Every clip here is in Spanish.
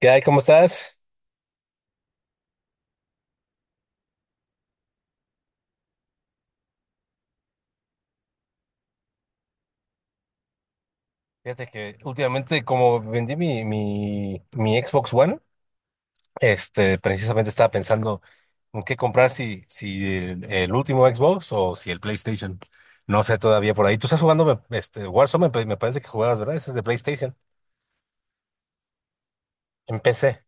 ¿Qué hay? ¿Cómo estás? Fíjate que últimamente, como vendí mi Xbox One, precisamente estaba pensando en qué comprar, si el último Xbox o si el PlayStation. No sé todavía por ahí. Tú estás jugando Warzone, me parece que jugabas, ¿verdad? Ese es de PlayStation, en PC.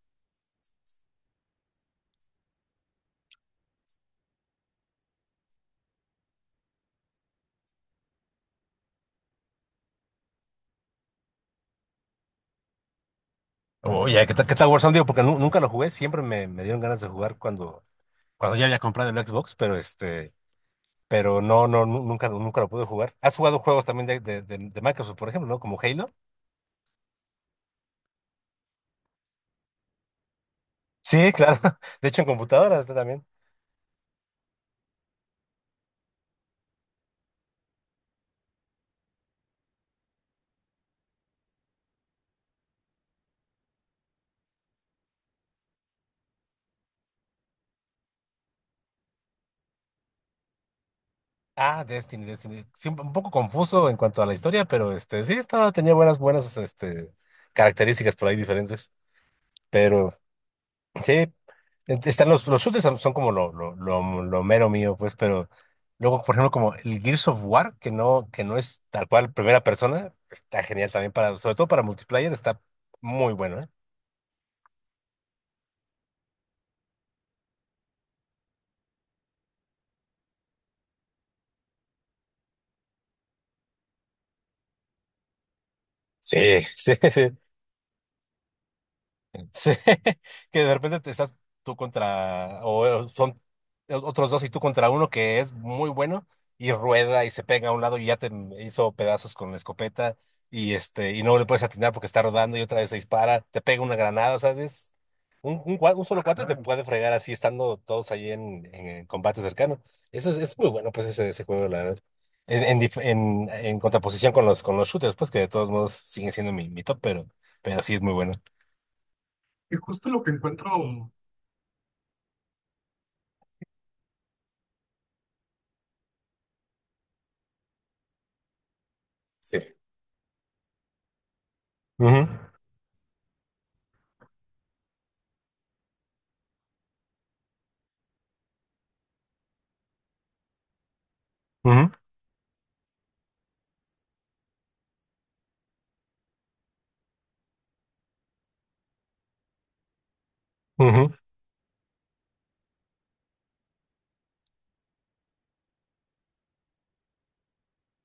Oye, ¿qué tal Warzone? Digo, porque nunca lo jugué, siempre me dieron ganas de jugar cuando, cuando ya había comprado el Xbox, pero pero nunca lo pude jugar. ¿Has jugado juegos también de Microsoft, por ejemplo, ¿no? Como Halo. Sí, claro. De hecho, en computadora está también. Ah, Destiny. Sí, un poco confuso en cuanto a la historia, pero sí, estaba, tenía buenas características por ahí diferentes. Pero sí, están los shooters son, son como lo mero mío, pues, pero luego, por ejemplo, como el Gears of War, que no es tal cual primera persona, está genial también para, sobre todo para multiplayer, está muy bueno, ¿eh? Sí, sí, sí. Sí, que de repente te estás tú contra, o son otros dos y tú contra uno que es muy bueno y rueda y se pega a un lado y ya te hizo pedazos con la escopeta y y no le puedes atinar porque está rodando y otra vez se dispara, te pega una granada, ¿sabes? Un solo cuate te puede fregar así estando todos ahí en combate cercano. Es muy bueno, pues, ese juego, la verdad. En contraposición con con los shooters, pues, que de todos modos siguen siendo mi top, pero sí es muy bueno. Y justo lo que encuentro, sí. Ujú, ujú, ujú.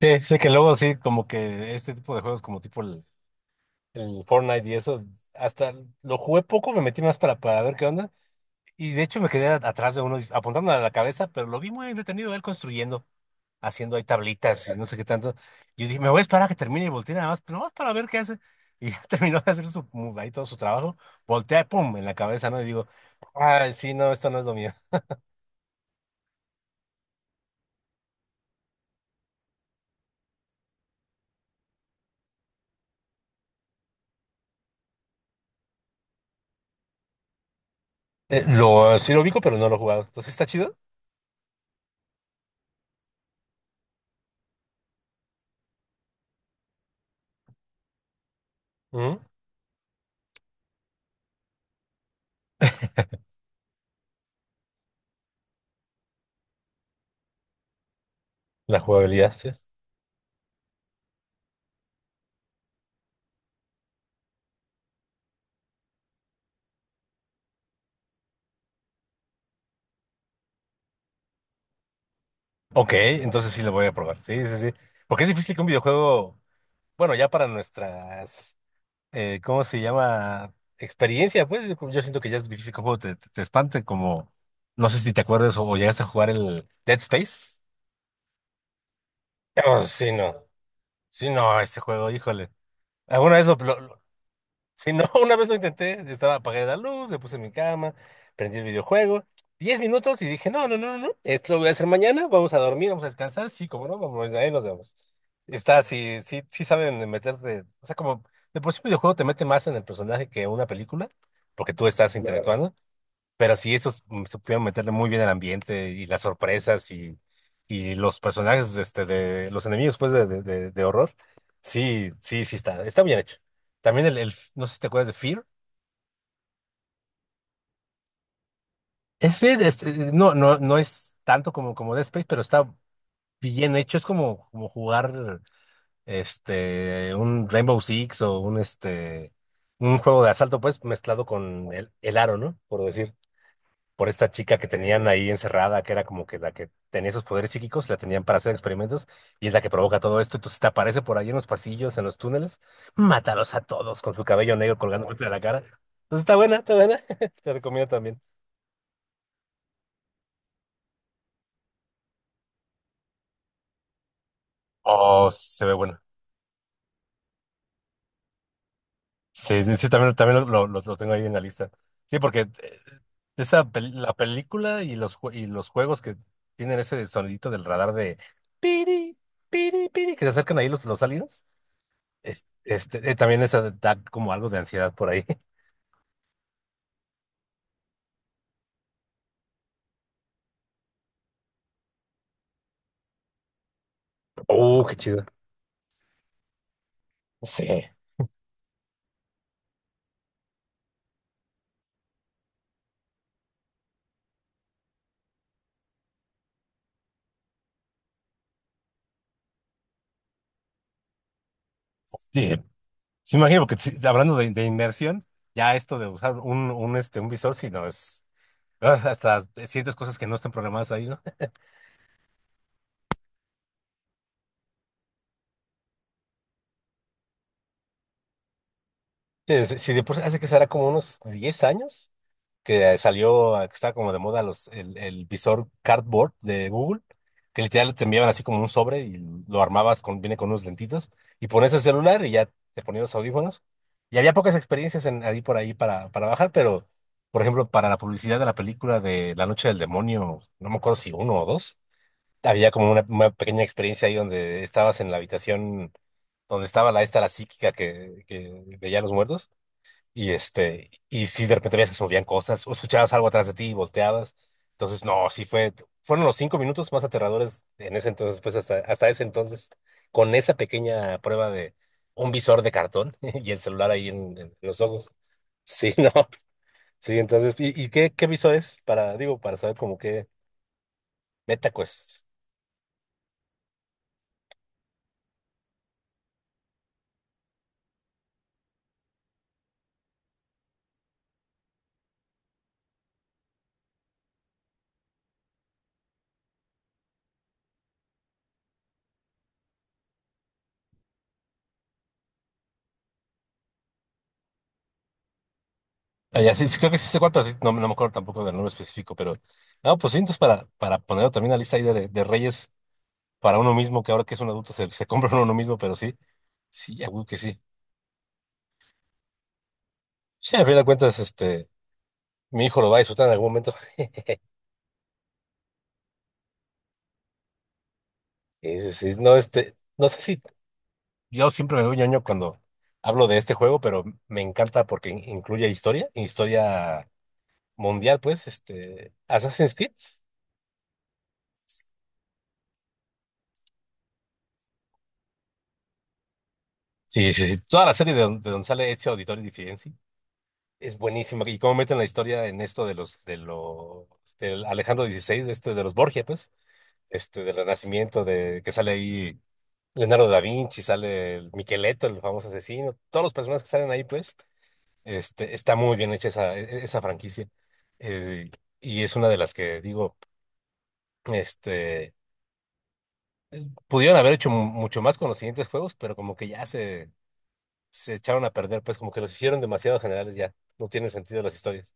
Sí, sí, que luego sí, como que este tipo de juegos, como tipo el Fortnite y eso, hasta lo jugué poco, me metí más para ver qué onda. Y de hecho me quedé atrás de uno apuntándole a la cabeza, pero lo vi muy entretenido él construyendo, haciendo ahí tablitas y no sé qué tanto. Y yo dije, me voy a esperar a que termine y voltee nada más, pero más para ver qué hace. Y ya terminó de hacer su, ahí todo su trabajo, voltea, pum, en la cabeza, ¿no? Y digo, ah sí, no, esto no es lo mío. Lo, sí lo ubico, pero no lo he jugado. Entonces está chido. Ujú. La jugabilidad, sí. Ok, entonces sí lo voy a probar. Sí, sí, sí. Porque es difícil que un videojuego, bueno, ya para nuestras, ¿cómo se llama? Experiencia, pues yo siento que ya es difícil que un juego te espante, como, no sé si te acuerdas o llegaste a jugar el Dead Space. Oh, sí, no. Sí, no, ese juego, híjole. ¿Alguna vez si no, una vez lo intenté, estaba apagada la luz, me puse en mi cama, prendí el videojuego, 10 minutos y dije, no, no, no, no, no, esto lo voy a hacer mañana, vamos a dormir, vamos a descansar, sí, como no, vamos, ahí nos vemos. Está, sí, sí, sí saben meterte, o sea, como de por sí un videojuego te mete más en el personaje que una película, porque tú estás, claro, interactuando, pero sí, esos supieron meterle muy bien el ambiente y las sorpresas y los personajes de los enemigos pues, de horror. Sí, sí, sí está, está bien hecho. También no sé si te acuerdas de Fear. Ese, no, no, no es tanto como, como Dead Space, pero está bien hecho. Es como, como jugar un Rainbow Six o un, un juego de asalto, pues, mezclado con el aro, ¿no? Por decir. Por esta chica que tenían ahí encerrada, que era como que la que tenía esos poderes psíquicos, la tenían para hacer experimentos, y es la que provoca todo esto. Entonces te aparece por ahí en los pasillos, en los túneles, mátalos a todos con su cabello negro colgando frente de la cara. Entonces está buena, está buena. Te recomiendo también. Oh, se ve buena. Sí, sí, sí, también, también lo tengo ahí en la lista. Sí, porque esa la película y los, y los juegos que tienen ese sonidito del radar de piri, piri, piri, que se acercan ahí los aliens. También esa da como algo de ansiedad por ahí. Oh, qué chido. Sí. Sí, sí, imagino, porque sí, hablando de inmersión, ya esto de usar un, un visor, si no es, ah, hasta sientes cosas que no están programadas ahí, ¿no? Si, si de por sí hace que será como unos 10 años, que salió, que estaba como de moda los, el visor cardboard de Google, que literal te enviaban así como un sobre y lo armabas con, viene con unos lentitos, y pones el celular y ya te ponías los audífonos. Y había pocas experiencias en, ahí por ahí para bajar, pero, por ejemplo, para la publicidad de la película de La Noche del Demonio, no me acuerdo si uno o dos, había como una pequeña experiencia ahí donde estabas en la habitación donde estaba la esta, la psíquica que veía a los muertos. Y y si de repente veías que se movían cosas, o escuchabas algo atrás de ti y volteabas. Entonces, no, sí fue, fueron los cinco minutos más aterradores en ese entonces, pues hasta, hasta ese entonces, con esa pequeña prueba de un visor de cartón y el celular ahí en los ojos. Sí, no, sí, entonces, ¿y qué, qué visor es? Para, digo, para saber como qué. Meta Quest. Ah, ya, sí, sí, creo que sí sé cuál, pero sí, no, no me acuerdo tampoco del nombre específico, pero, no, pues sí, entonces para ponerlo también en la lista ahí de reyes para uno mismo, que ahora que es un adulto se compra uno mismo, pero sí, sí, a huevo que sí. Ya, al final de cuentas, mi hijo lo va a disfrutar en algún momento. Sí, sí, sí. No, no sé si yo siempre me veo ñoño cuando hablo de este juego, pero me encanta porque incluye historia, historia mundial, pues, este, Assassin's Creed. Sí, sí, sí. Toda la serie de, de donde sale Ezio Auditore y Firenze es buenísima. Y cómo meten la historia en esto de los, del Alejandro XVI, de los Borgia, pues. Del Renacimiento, de que sale ahí Leonardo da Vinci, sale el Micheletto, el famoso asesino, todos los personajes que salen ahí, pues, está muy bien hecha esa, esa franquicia. Eh, y es una de las que digo, este, pudieron haber hecho mucho más con los siguientes juegos, pero como que ya se echaron a perder, pues como que los hicieron demasiado generales ya, no tienen sentido las historias.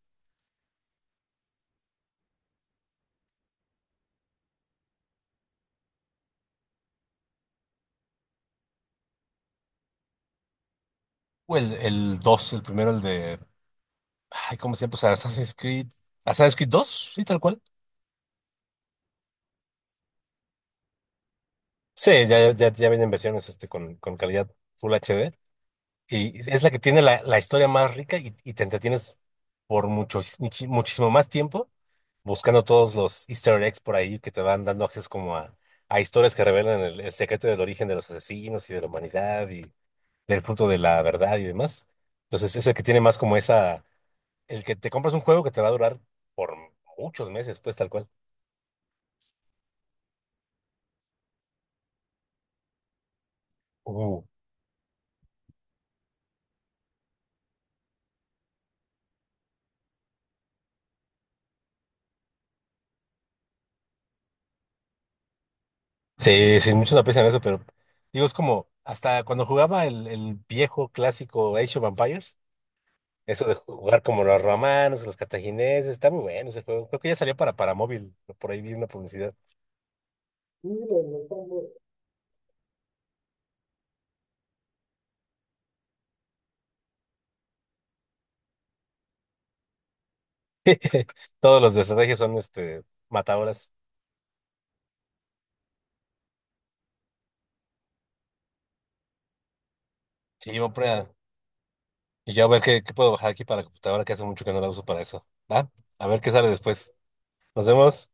O el 2, el primero, el de, ay, ¿cómo se llama? Pues Assassin's Creed, Assassin's Creed 2, sí, tal cual. Sí, ya, ya, ya vienen versiones con calidad Full HD. Y es la que tiene la, la historia más rica y te entretienes por mucho, muchísimo más tiempo buscando todos los Easter eggs por ahí que te van dando acceso como a historias que revelan el secreto del origen de los asesinos y de la humanidad y del fruto de la verdad y demás. Entonces es el que tiene más como esa, el que te compras un juego que te va a durar por muchos meses, pues tal cual. Sí, sí, muchos aprecian eso, pero digo, es como hasta cuando jugaba el viejo clásico Age of Empires, eso de jugar como los romanos, los cartagineses, está muy bueno ese juego. Creo que ya salió para móvil, por ahí vi una publicidad. Todos los de estrategia son matadoras. Sí, voy por allá. Y yo a ver qué, qué puedo bajar aquí para la computadora, que hace mucho que no la uso para eso. ¿Va? A ver qué sale después. Nos vemos.